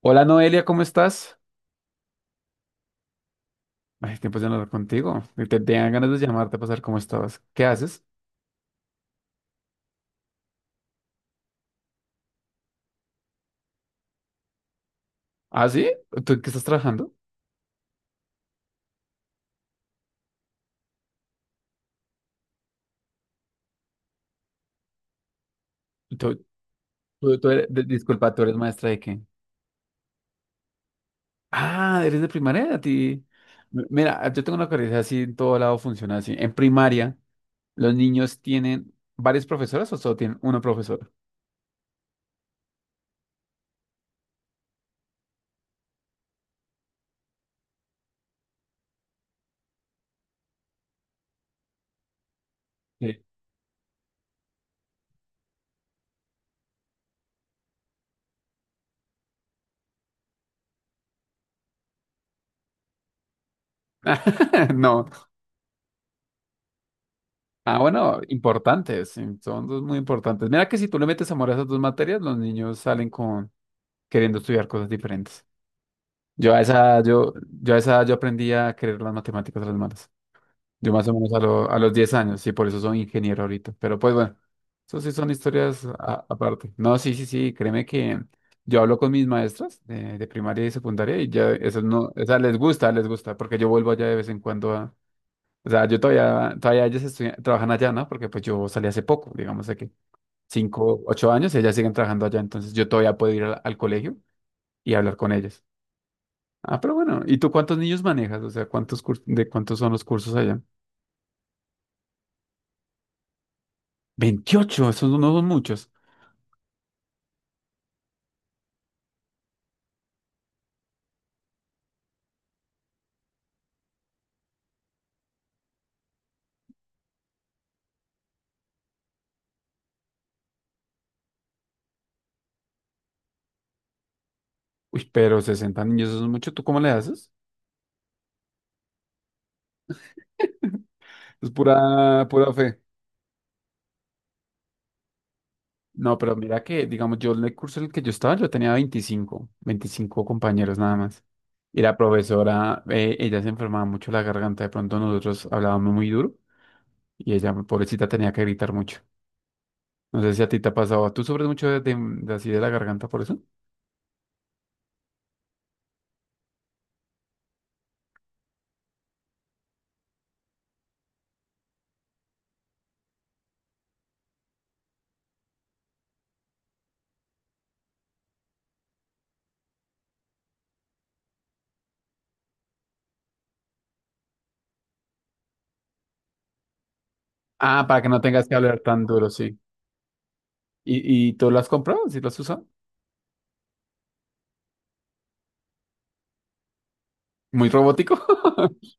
Hola Noelia, ¿cómo estás? Ay, tiempo de no hablar contigo. Te tenía ganas de llamarte para saber cómo estabas. ¿Qué haces? ¿Ah, sí? ¿Tú en qué estás trabajando? ¿Tú, disculpa, ¿tú eres maestra de qué? Ah, eres de primaria, a ti. Mira, yo tengo una curiosidad así, en todo lado funciona así. En primaria, ¿los niños tienen varias profesoras o solo tienen una profesora? Sí. No. Ah, bueno, importantes. Sí, son dos muy importantes. Mira que si tú le metes amor a esas dos materias, los niños salen con queriendo estudiar cosas diferentes. Yo a esa, yo, yo a esa edad, yo aprendí a querer las matemáticas a las malas. Yo más o menos a los 10 años, sí, por eso soy ingeniero ahorita. Pero pues bueno, eso sí son historias aparte. No, sí, sí, sí, créeme que yo hablo con mis maestras de primaria y secundaria y ya eso no, o sea, les gusta, porque yo vuelvo allá de vez en cuando o sea, yo todavía ellas trabajan allá, ¿no? Porque pues yo salí hace poco, digamos de que cinco 8 años, ellas siguen trabajando allá, entonces yo todavía puedo ir al colegio y hablar con ellas. Ah, pero bueno, ¿y tú cuántos niños manejas? O sea, ¿De cuántos son los cursos allá? 28. Esos no son muchos. Uy, pero 60 niños, eso es mucho. ¿Tú cómo le haces? Es pura, pura fe. No, pero mira que, digamos, yo en el curso en el que yo estaba, yo tenía veinticinco compañeros nada más. Y la profesora, ella se enfermaba mucho la garganta, de pronto nosotros hablábamos muy duro y ella, pobrecita, tenía que gritar mucho. No sé si a ti te ha pasado, ¿tú sufres mucho de así de la garganta por eso? Ah, para que no tengas que hablar tan duro, sí. Y tú lo has comprado? ¿Sí lo has usado? Muy robótico.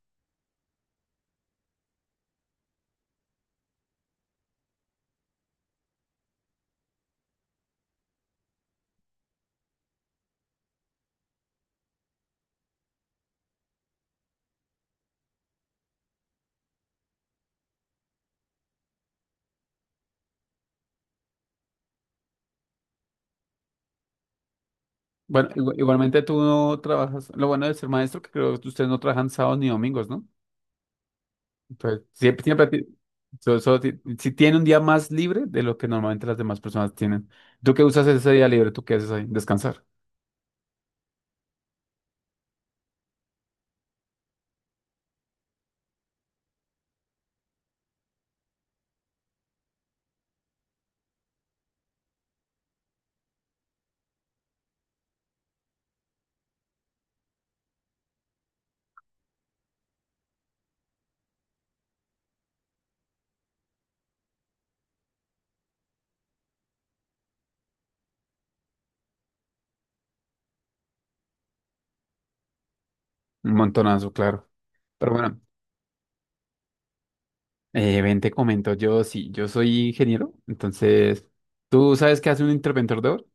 Bueno, igualmente tú no trabajas. Lo bueno de ser maestro, que creo que ustedes no trabajan sábados ni domingos, ¿no? Entonces, siempre, siempre, ti- so- solo ti- si tiene un día más libre de lo que normalmente las demás personas tienen. ¿Tú qué usas ese día libre? ¿Tú qué haces ahí? Descansar. Un montonazo, claro. Pero bueno, ven, te comento. Yo sí, yo soy ingeniero. Entonces, ¿tú sabes qué hace un interventor de oro?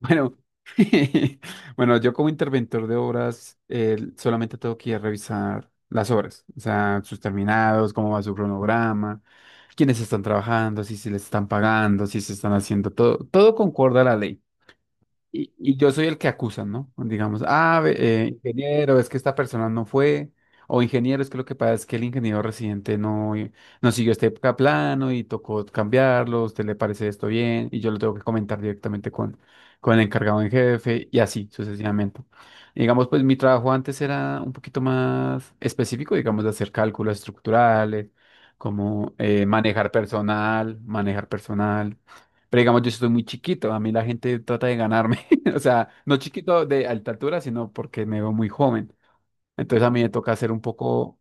Bueno, bueno, yo como interventor de obras solamente tengo que ir a revisar las obras, o sea, sus terminados, cómo va su cronograma, quiénes están trabajando, si se les están pagando, si se están haciendo todo, todo concuerda a la ley. Y yo soy el que acusan, ¿no? Digamos, ah, ingeniero, es que esta persona no fue, o ingeniero, es que lo que pasa es que el ingeniero residente no siguió este plano y tocó cambiarlo, ¿a usted le parece esto bien? Y yo lo tengo que comentar directamente con el encargado en jefe y así sucesivamente. Digamos, pues mi trabajo antes era un poquito más específico, digamos, de hacer cálculos estructurales, como manejar personal, manejar personal. Pero digamos, yo estoy muy chiquito, a mí la gente trata de ganarme. O sea, no chiquito de alta altura, sino porque me veo muy joven. Entonces a mí me toca hacer un poco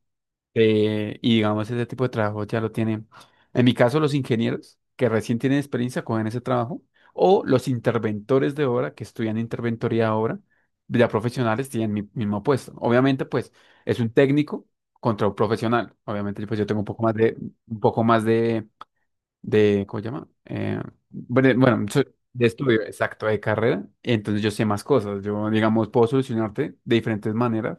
y digamos, ese tipo de trabajo ya lo tienen. En mi caso, los ingenieros que recién tienen experiencia cogen ese trabajo, o los interventores de obra que estudian interventoría de obra, ya profesionales tienen mi mismo puesto. Obviamente, pues, es un técnico contra un profesional. Obviamente, pues yo tengo un poco más un poco más de, ¿cómo se llama? Bueno, bueno, soy de estudio, exacto, de carrera, entonces yo sé más cosas, yo, digamos, puedo solucionarte de diferentes maneras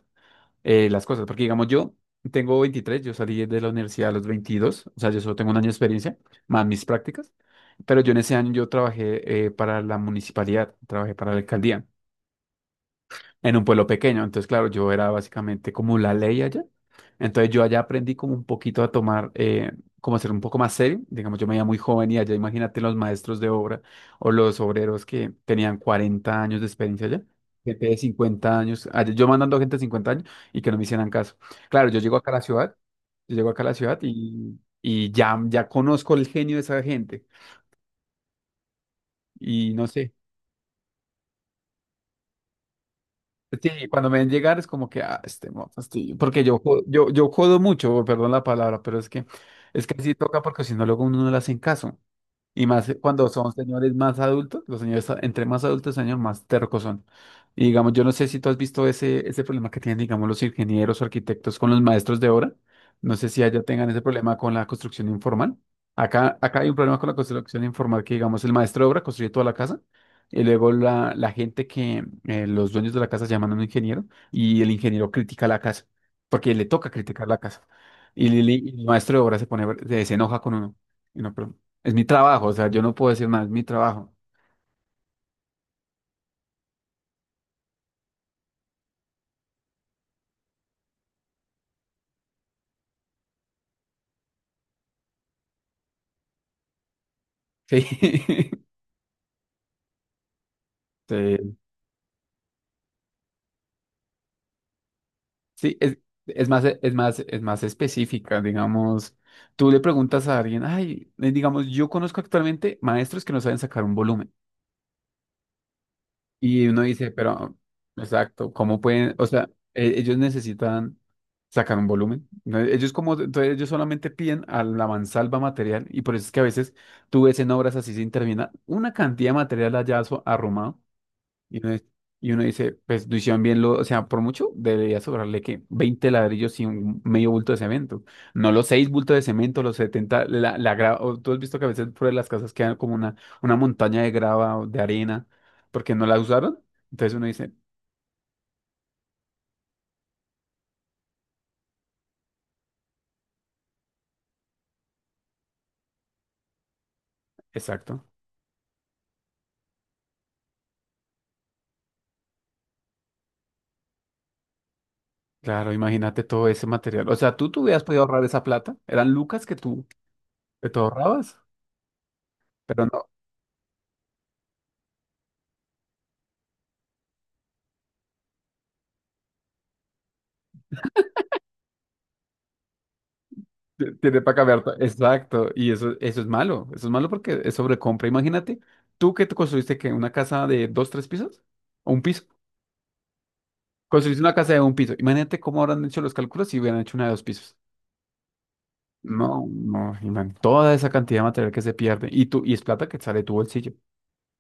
las cosas, porque, digamos, yo tengo 23. Yo salí de la universidad a los 22, o sea, yo solo tengo un año de experiencia, más mis prácticas, pero yo en ese año yo trabajé para la municipalidad, trabajé para la alcaldía, en un pueblo pequeño. Entonces, claro, yo era básicamente como la ley allá. Entonces, yo allá aprendí como un poquito a tomar, como a ser un poco más serio. Digamos, yo me veía muy joven y allá, imagínate los maestros de obra o los obreros que tenían 40 años de experiencia allá. Gente de 50 años, allá, yo mandando gente de 50 años y que no me hicieran caso. Claro, yo llego acá a la ciudad, yo llego acá a la ciudad y ya, ya conozco el genio de esa gente. Y no sé. Sí, cuando me ven llegar es como que, ah, este moto, sí, porque yo jodo mucho, perdón la palabra, pero es que así toca porque si no luego uno no le hacen caso. Y más cuando son señores más adultos, los señores, entre más adultos, señor, más tercos son. Y digamos, yo no sé si tú has visto ese, ese problema que tienen, digamos, los ingenieros o arquitectos con los maestros de obra. No sé si allá tengan ese problema con la construcción informal. Acá, acá hay un problema con la construcción informal que, digamos, el maestro de obra construye toda la casa y luego la gente que los dueños de la casa llaman a un ingeniero y el ingeniero critica la casa porque le toca criticar la casa. Y el maestro de obra se pone, se enoja con uno. Y no, pero es mi trabajo, o sea, yo no puedo decir nada, es mi trabajo. Sí, sí, sí, es más específica, digamos. Tú le preguntas a alguien, ay, digamos, yo conozco actualmente maestros que no saben sacar un volumen. Y uno dice, pero, exacto, ¿cómo pueden? O sea, ellos necesitan sacar un volumen, ¿no? Ellos como, entonces ellos solamente piden a la mansalva material y por eso es que a veces tú ves en obras así sin terminar una cantidad de material allá arrumado. Y uno, es- y uno dice, pues lo hicieron bien, lo, o sea, por mucho debería sobrarle que 20 ladrillos y un medio bulto de cemento. No los 6 bultos de cemento, los 70 o tú has visto que a veces por las casas quedan como una montaña de grava o de arena porque no la usaron. Entonces uno dice, exacto. Claro, imagínate todo ese material. O sea, tú hubieras podido ahorrar esa plata. Eran lucas que tú, ahorrabas, pero no. Tiene para cambiar. Exacto. Y eso es malo. Eso es malo porque es sobrecompra. Imagínate, tú que te construiste que una casa de dos, tres pisos o un piso. Construiste una casa de un piso. Imagínate cómo habrán hecho los cálculos si hubieran hecho una de dos pisos. No, no, imagínate toda esa cantidad de material que se pierde. Y tú, y es plata que sale de tu bolsillo.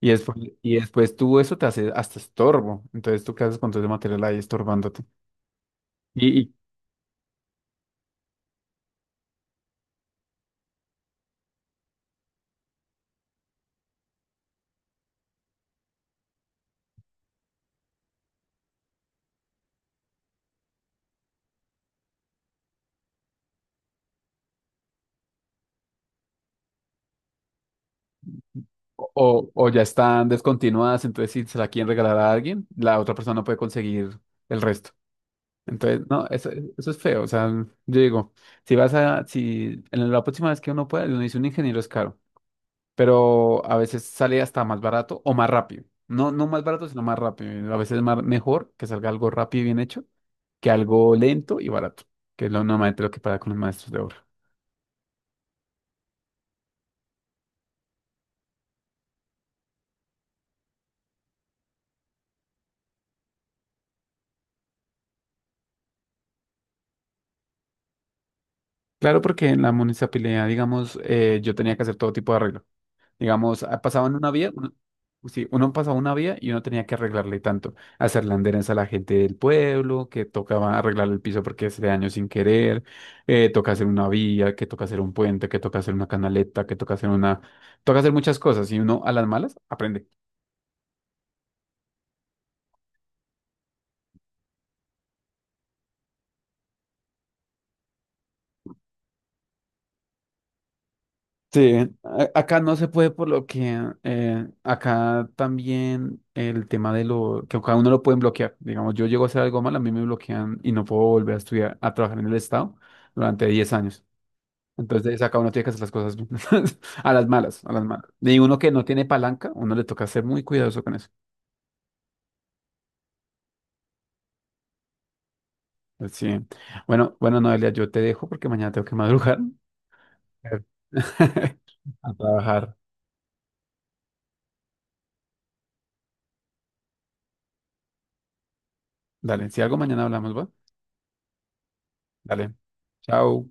Y después tú eso te hace hasta estorbo. Entonces, ¿tú qué haces con todo ese material ahí estorbándote? Y, y- o ya están descontinuadas, entonces si se la quieren regalar a alguien, la otra persona no puede conseguir el resto. Entonces, no, eso es feo. O sea, yo digo, si vas a, si en la próxima vez que uno pueda, uno dice un ingeniero es caro, pero a veces sale hasta más barato o más rápido. No, no más barato, sino más rápido. A veces es más, mejor que salga algo rápido y bien hecho que algo lento y barato, que es lo normalmente lo que pasa con los maestros de obra. Claro, porque en la municipalidad, digamos, yo tenía que hacer todo tipo de arreglo. Digamos, ah, pasaban una vía, uno, sí, uno pasaba una vía y uno tenía que arreglarle tanto, hacerle anderes a la gente del pueblo, que tocaba arreglar el piso porque hace daño sin querer, toca hacer una vía, que toca hacer un puente, que toca hacer una canaleta, que toca hacer una. Toca hacer muchas cosas y uno a las malas aprende. Sí, acá no se puede por lo que acá también el tema de lo que cada uno lo pueden bloquear. Digamos, yo llego a hacer algo mal, a mí me bloquean y no puedo volver a estudiar, a trabajar en el Estado durante 10 años. Entonces acá uno tiene que hacer las cosas a las malas, a las malas. Y uno que no tiene palanca, uno le toca ser muy cuidadoso con eso. Pues sí. Bueno, bueno, Noelia, yo te dejo porque mañana tengo que madrugar a trabajar. Dale, si algo mañana hablamos, ¿va? Dale, chao.